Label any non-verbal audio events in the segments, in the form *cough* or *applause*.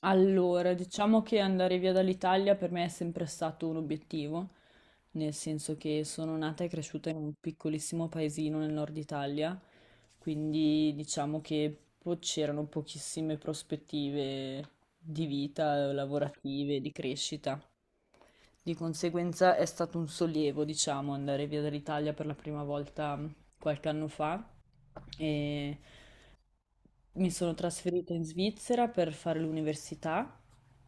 Allora, diciamo che andare via dall'Italia per me è sempre stato un obiettivo, nel senso che sono nata e cresciuta in un piccolissimo paesino nel nord Italia, quindi diciamo che c'erano pochissime prospettive di vita, lavorative, di crescita. Di conseguenza è stato un sollievo, diciamo, andare via dall'Italia per la prima volta qualche anno fa. E mi sono trasferita in Svizzera per fare l'università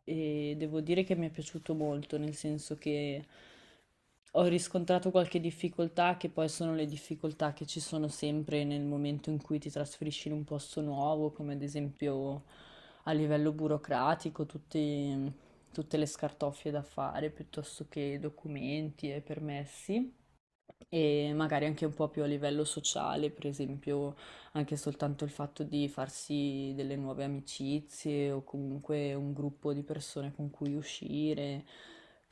e devo dire che mi è piaciuto molto, nel senso che ho riscontrato qualche difficoltà, che poi sono le difficoltà che ci sono sempre nel momento in cui ti trasferisci in un posto nuovo, come ad esempio a livello burocratico, tutte le scartoffie da fare piuttosto che documenti e permessi e magari anche un po' più a livello sociale, per esempio anche soltanto il fatto di farsi delle nuove amicizie o comunque un gruppo di persone con cui uscire,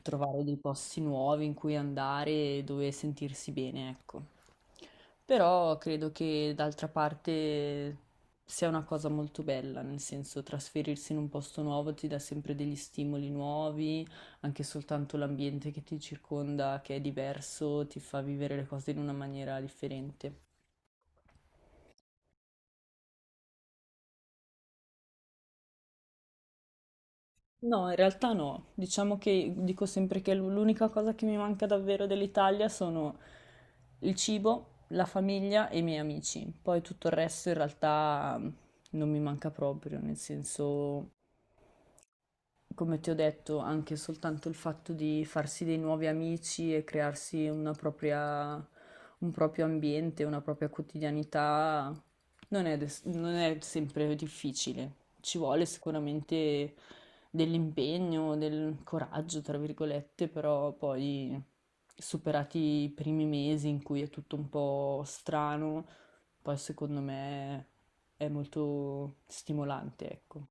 trovare dei posti nuovi in cui andare e dove sentirsi bene, ecco. Però credo che d'altra parte sia una cosa molto bella, nel senso trasferirsi in un posto nuovo ti dà sempre degli stimoli nuovi, anche soltanto l'ambiente che ti circonda, che è diverso, ti fa vivere le cose in una maniera differente. No, in realtà no. Diciamo che dico sempre che l'unica cosa che mi manca davvero dell'Italia sono il cibo, la famiglia e i miei amici. Poi tutto il resto in realtà non mi manca proprio, nel senso come ti ho detto, anche soltanto il fatto di farsi dei nuovi amici e crearsi una propria, un proprio ambiente, una propria quotidianità, non è sempre difficile. Ci vuole sicuramente dell'impegno, del coraggio, tra virgolette, però poi superati i primi mesi in cui è tutto un po' strano, poi secondo me è molto stimolante, ecco.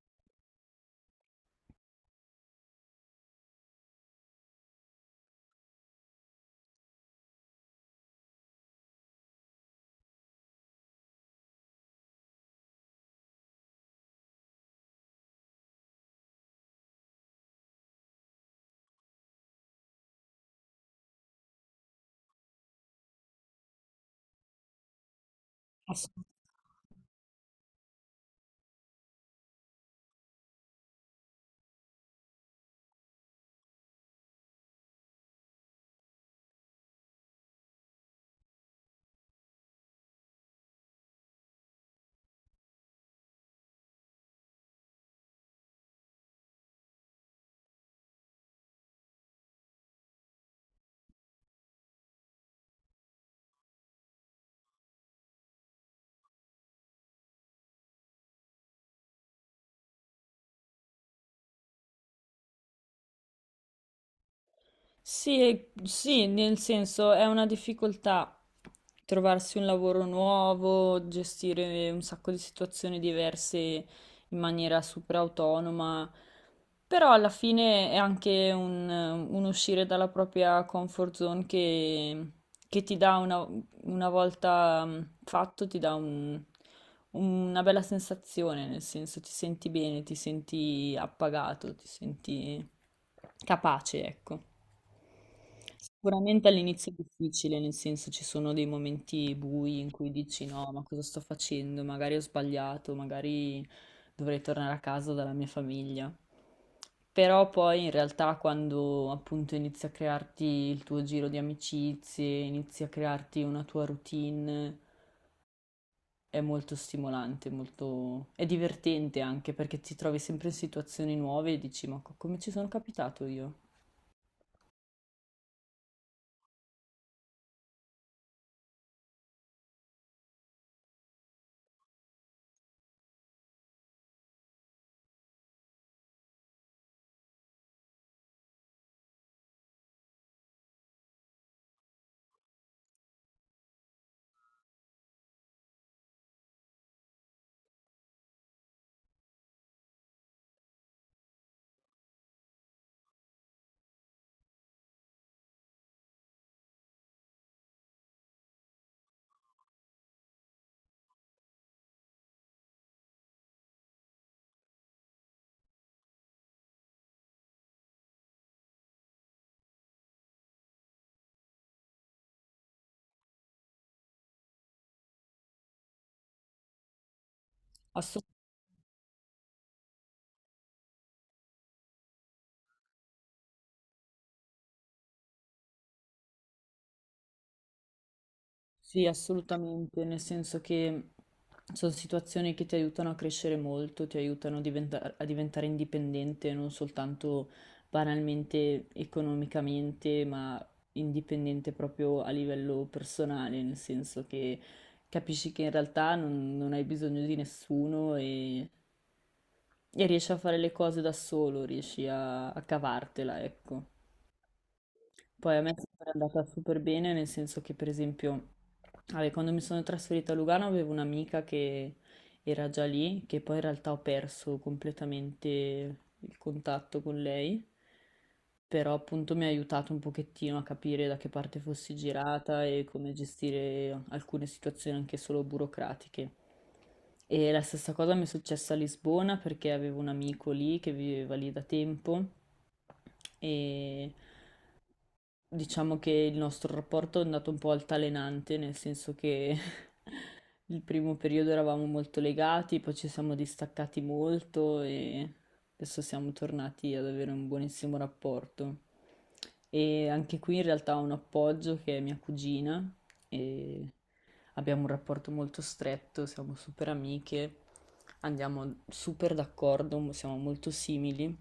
Sì, sì, nel senso è una difficoltà trovarsi un lavoro nuovo, gestire un sacco di situazioni diverse in maniera super autonoma, però alla fine è anche un uscire dalla propria comfort zone che ti dà una volta fatto, ti dà una bella sensazione, nel senso ti senti bene, ti senti appagato, ti senti capace, ecco. Sicuramente all'inizio è difficile, nel senso ci sono dei momenti bui in cui dici no, ma cosa sto facendo? Magari ho sbagliato, magari dovrei tornare a casa dalla mia famiglia. Però poi in realtà quando appunto inizi a crearti il tuo giro di amicizie, inizi a crearti una tua routine, è molto stimolante, molto... è divertente anche perché ti trovi sempre in situazioni nuove e dici ma come ci sono capitato io? Sì, assolutamente, nel senso che sono situazioni che ti aiutano a crescere molto, ti aiutano a diventare indipendente, non soltanto banalmente economicamente, ma indipendente proprio a livello personale, nel senso che capisci che in realtà non hai bisogno di nessuno e, e riesci a fare le cose da solo, riesci a cavartela, ecco. Poi a me è sempre andata super bene, nel senso che, per esempio, vabbè, quando mi sono trasferita a Lugano avevo un'amica che era già lì, che poi in realtà ho perso completamente il contatto con lei, però appunto mi ha aiutato un pochettino a capire da che parte fossi girata e come gestire alcune situazioni anche solo burocratiche. E la stessa cosa mi è successa a Lisbona perché avevo un amico lì che viveva lì da tempo e diciamo che il nostro rapporto è andato un po' altalenante, nel senso che *laughs* il primo periodo eravamo molto legati, poi ci siamo distaccati molto e adesso siamo tornati ad avere un buonissimo rapporto. E anche qui in realtà ho un appoggio che è mia cugina e abbiamo un rapporto molto stretto, siamo super amiche, andiamo super d'accordo, siamo molto simili,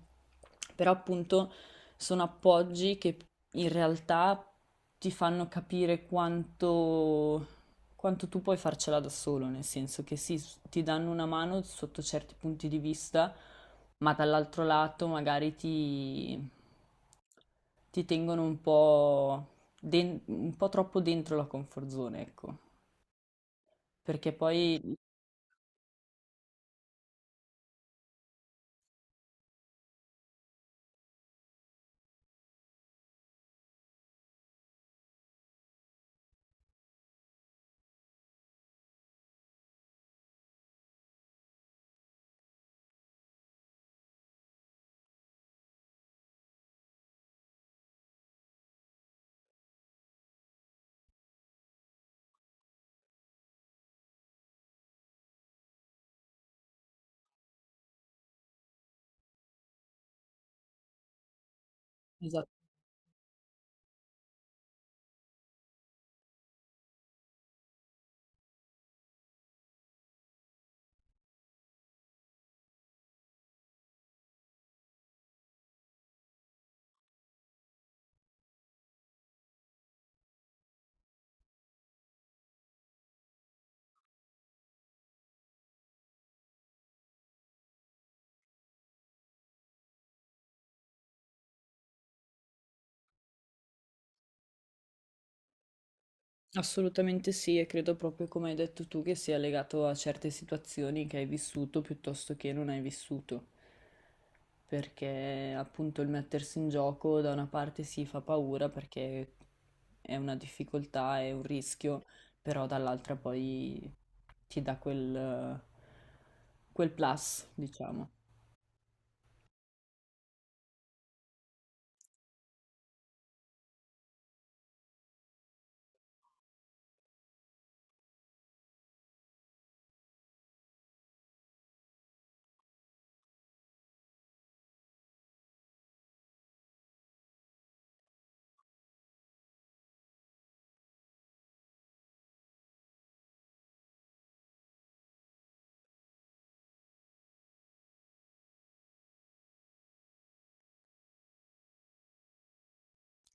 però appunto sono appoggi che in realtà ti fanno capire quanto, quanto tu puoi farcela da solo, nel senso che sì, ti danno una mano sotto certi punti di vista, ma dall'altro lato magari ti tengono un po', un po' troppo dentro la comfort zone, ecco, perché poi... Esatto. Assolutamente sì, e credo proprio come hai detto tu che sia legato a certe situazioni che hai vissuto piuttosto che non hai vissuto, perché appunto il mettersi in gioco da una parte si fa paura perché è una difficoltà, è un rischio, però dall'altra poi ti dà quel, quel plus, diciamo.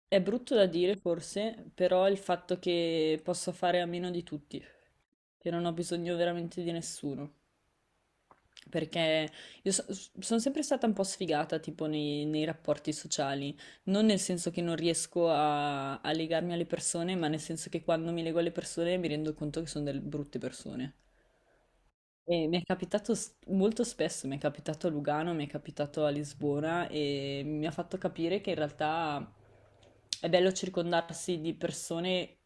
È brutto da dire forse, però il fatto che posso fare a meno di tutti, che non ho bisogno veramente di nessuno. Perché io sono sempre stata un po' sfigata, tipo nei rapporti sociali, non nel senso che non riesco a legarmi alle persone, ma nel senso che quando mi lego alle persone mi rendo conto che sono delle brutte persone. E mi è capitato molto spesso, mi è capitato a Lugano, mi è capitato a Lisbona e mi ha fatto capire che in realtà è bello circondarsi di persone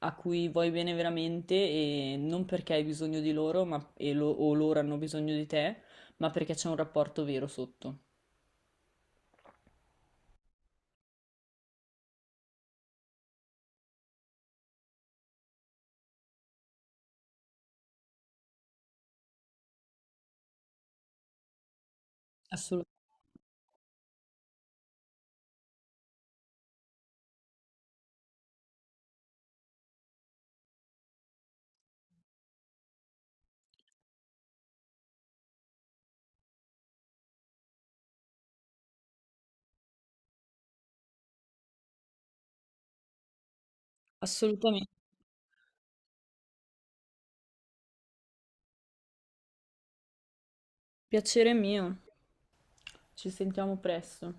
a cui vuoi bene veramente e non perché hai bisogno di loro o loro hanno bisogno di te, ma perché c'è un rapporto vero sotto. Assolu- Assolutamente. Piacere mio. Ci sentiamo presto.